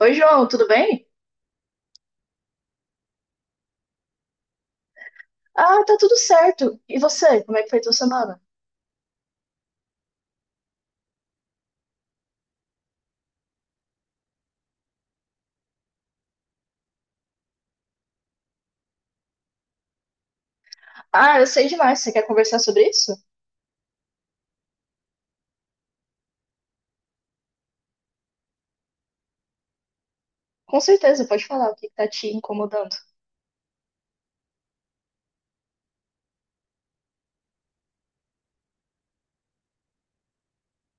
Oi, João, tudo bem? Ah, tá tudo certo. E você, como é que foi a tua semana? Ah, eu sei demais. Você quer conversar sobre isso? Com certeza, pode falar o que que tá te incomodando.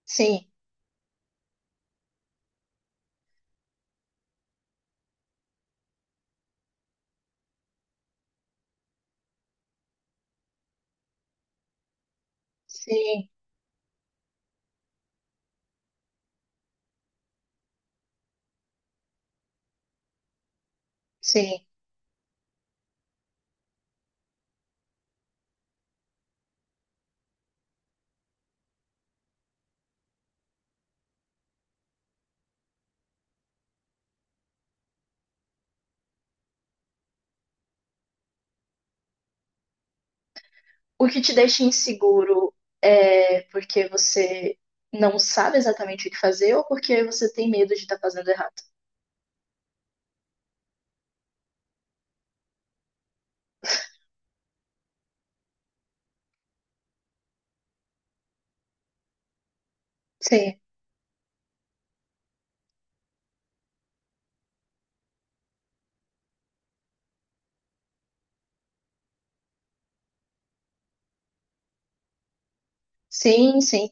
Sim, sim, sim. O que te deixa inseguro é porque você não sabe exatamente o que fazer ou porque você tem medo de estar fazendo errado? Sim, sim, sim.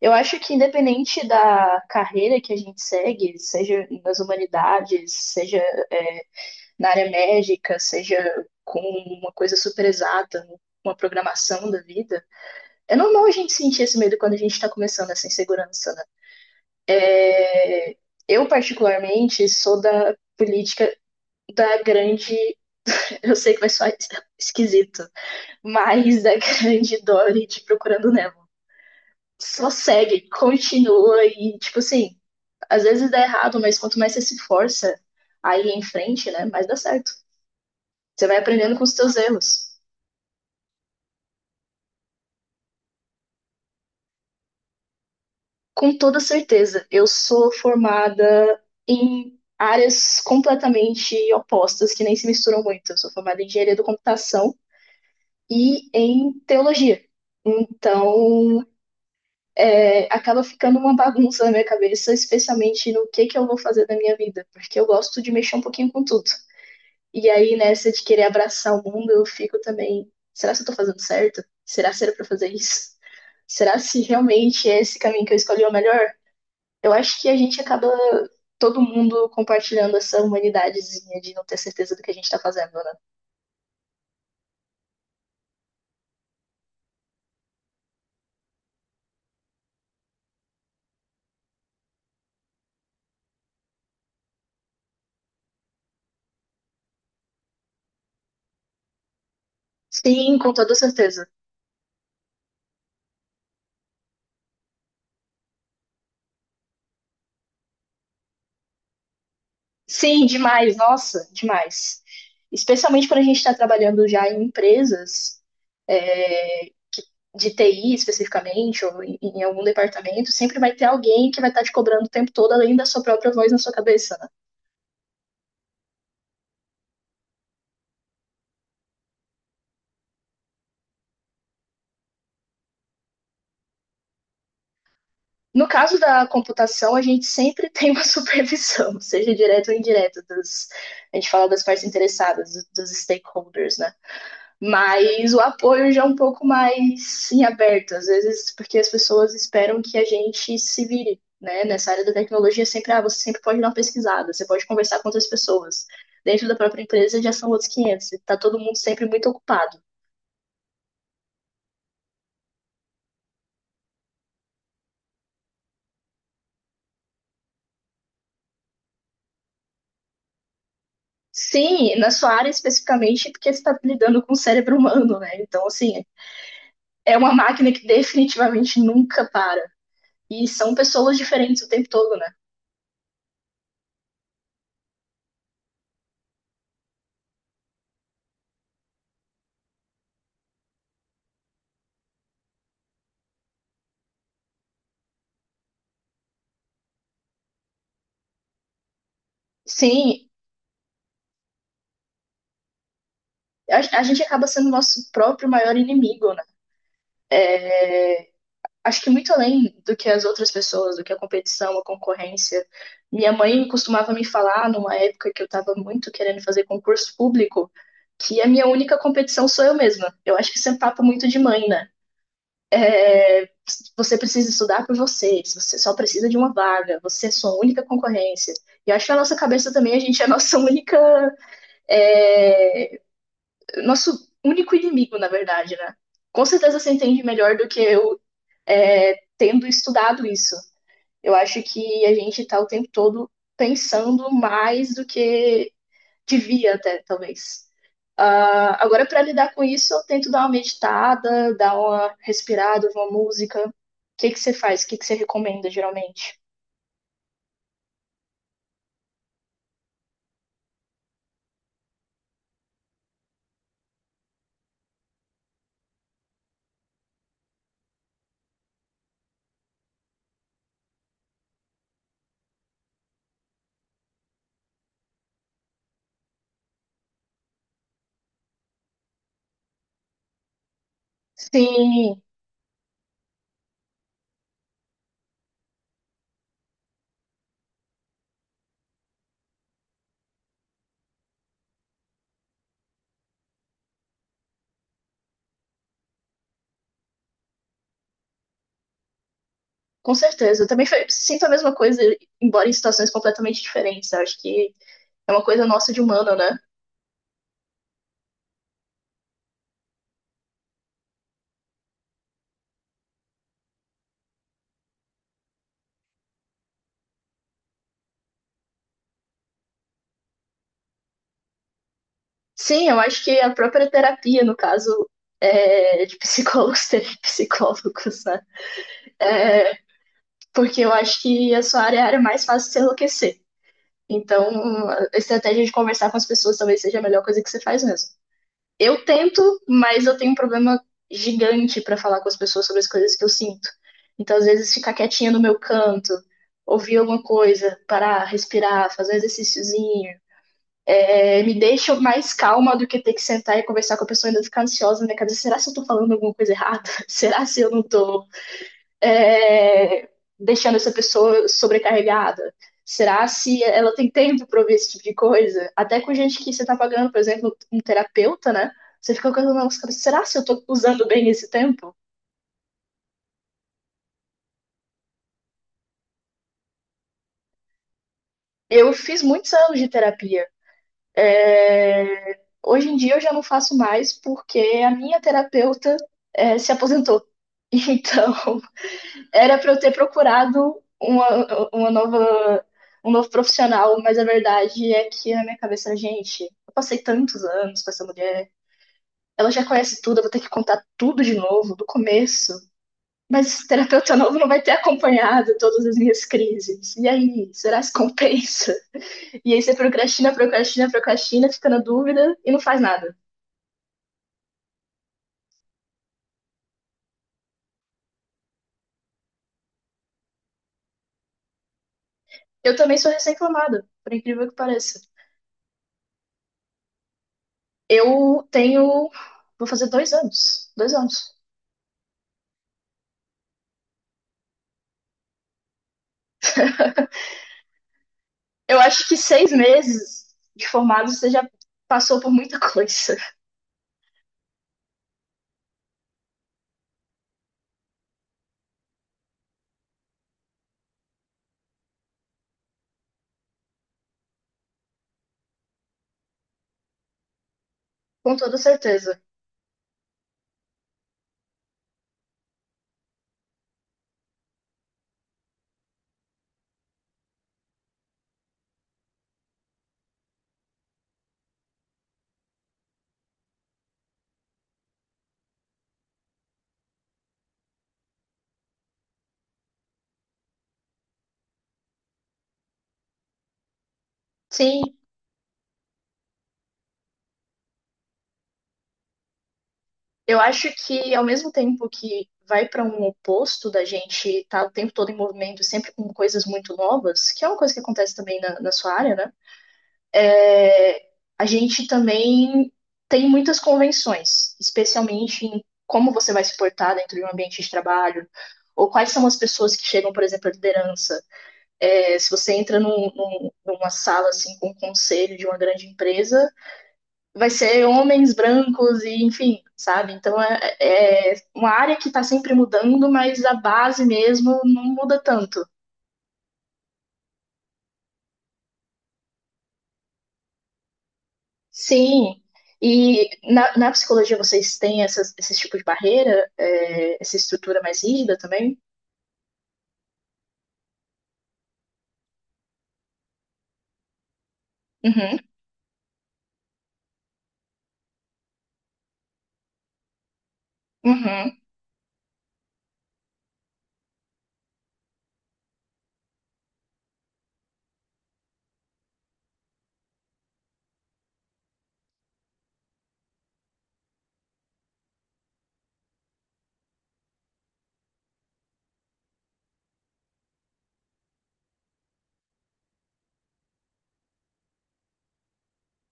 Eu acho que independente da carreira que a gente segue, seja nas humanidades, seja é, na área médica, seja com uma coisa super exata, uma programação da vida, é normal a gente sentir esse medo quando a gente está começando essa insegurança, né? É, eu, particularmente, sou da política da grande. Eu sei que vai soar esquisito, mas da grande Dorothy procurando Nemo. Só segue, continua e, tipo assim, às vezes dá errado, mas quanto mais você se força a ir em frente, né, mais dá certo. Você vai aprendendo com os teus erros. Com toda certeza, eu sou formada em áreas completamente opostas, que nem se misturam muito. Eu sou formada em engenharia da computação e em teologia. Então, é, acaba ficando uma bagunça na minha cabeça, especialmente no que eu vou fazer da minha vida, porque eu gosto de mexer um pouquinho com tudo. E aí, nessa de querer abraçar o mundo, eu fico também, será se eu tô fazendo certo? Será que era pra fazer isso? Será se realmente é esse caminho que eu escolhi é o melhor? Eu acho que a gente acaba todo mundo compartilhando essa humanidadezinha de não ter certeza do que a gente tá fazendo, né? Sim, com toda certeza. Sim, demais, nossa, demais. Especialmente quando a gente está trabalhando já em empresas, é, que- de TI especificamente, ou em algum departamento, sempre vai ter alguém que vai estar te cobrando o tempo todo, além da sua própria voz na sua cabeça, né? No caso da computação, a gente sempre tem uma supervisão, seja direta ou indireta, dos, a gente fala das partes interessadas, dos stakeholders, né? Mas o apoio já é um pouco mais em aberto, às vezes porque as pessoas esperam que a gente se vire, né? Nessa área da tecnologia, sempre, ah, você sempre pode dar uma pesquisada, você pode conversar com outras pessoas. Dentro da própria empresa já são outros 500. Está todo mundo sempre muito ocupado. Sim, na sua área especificamente, porque você está lidando com o cérebro humano, né? Então, assim, é uma máquina que definitivamente nunca para. E são pessoas diferentes o tempo todo, né? Sim, a gente acaba sendo nosso próprio maior inimigo, né? Acho que muito além do que as outras pessoas, do que a competição, a concorrência. Minha mãe costumava me falar, numa época que eu estava muito querendo fazer concurso público, que a minha única competição sou eu mesma. Eu acho que isso é um papo muito de mãe, né? Você precisa estudar por você, você só precisa de uma vaga, você é sua única concorrência. E acho que na nossa cabeça também a gente é a nossa única é nosso único inimigo, na verdade, né? Com certeza você entende melhor do que eu é, tendo estudado isso. Eu acho que a gente está o tempo todo pensando mais do que devia até, talvez. Agora, para lidar com isso, eu tento dar uma meditada, dar uma respirada, uma música. O que que você faz? O que que você recomenda, geralmente? Sim, com certeza. Eu também sinto a mesma coisa, embora em situações completamente diferentes. Eu acho que é uma coisa nossa de humano, né? Sim, eu acho que a própria terapia, no caso, é, de psicólogos terem psicólogos, né? É, porque eu acho que a sua área é a área mais fácil de se enlouquecer. Então, a estratégia de conversar com as pessoas talvez seja a melhor coisa que você faz mesmo. Eu tento, mas eu tenho um problema gigante para falar com as pessoas sobre as coisas que eu sinto. Então, às vezes, ficar quietinha no meu canto, ouvir alguma coisa, parar, respirar, fazer um exercíciozinho, é, me deixa mais calma do que ter que sentar e conversar com a pessoa e ainda ficar ansiosa na minha. Será se eu tô falando alguma coisa errada? Será se eu não tô é, deixando essa pessoa sobrecarregada? Será se ela tem tempo para ouvir esse tipo de coisa? Até com gente que você tá pagando, por exemplo, um terapeuta, né? Você fica com a mão cabeça, será se eu tô usando bem esse tempo? Eu fiz muitos anos de terapia. É, hoje em dia eu já não faço mais porque a minha terapeuta é, se aposentou. Então, era para eu ter procurado uma nova, um novo profissional, mas a verdade é que na minha cabeça, gente, eu passei tantos anos com essa mulher, ela já conhece tudo, eu vou ter que contar tudo de novo, do começo. Mas esse terapeuta novo não vai ter acompanhado todas as minhas crises. E aí, será que compensa? E aí você procrastina, procrastina, procrastina, fica na dúvida e não faz nada. Eu também sou recém-formada, por incrível que pareça. Eu tenho. Vou fazer 2 anos. 2 anos. Eu acho que 6 meses de formado você já passou por muita coisa, com toda certeza. Sim, eu acho que ao mesmo tempo que vai para um oposto da gente estar o tempo todo em movimento, sempre com coisas muito novas, que é uma coisa que acontece também na, na sua área, né? É, a gente também tem muitas convenções, especialmente em como você vai se portar dentro de um ambiente de trabalho, ou quais são as pessoas que chegam, por exemplo, à liderança. É, se você entra numa sala assim com um conselho de uma grande empresa, vai ser homens brancos e enfim, sabe? Então é, é uma área que está sempre mudando, mas a base mesmo não muda tanto. Sim. E na, na psicologia vocês têm essas, esses tipos de barreira, é, essa estrutura mais rígida também? Uhum, uhum.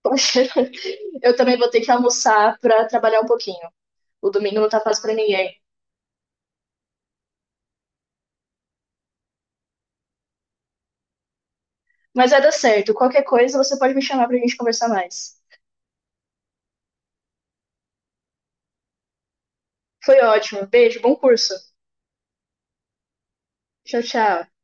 Poxa, eu também vou ter que almoçar para trabalhar um pouquinho. O domingo não tá fácil para ninguém. Mas vai dar certo. Qualquer coisa, você pode me chamar pra gente conversar mais. Foi ótimo. Beijo, bom curso. Tchau, tchau.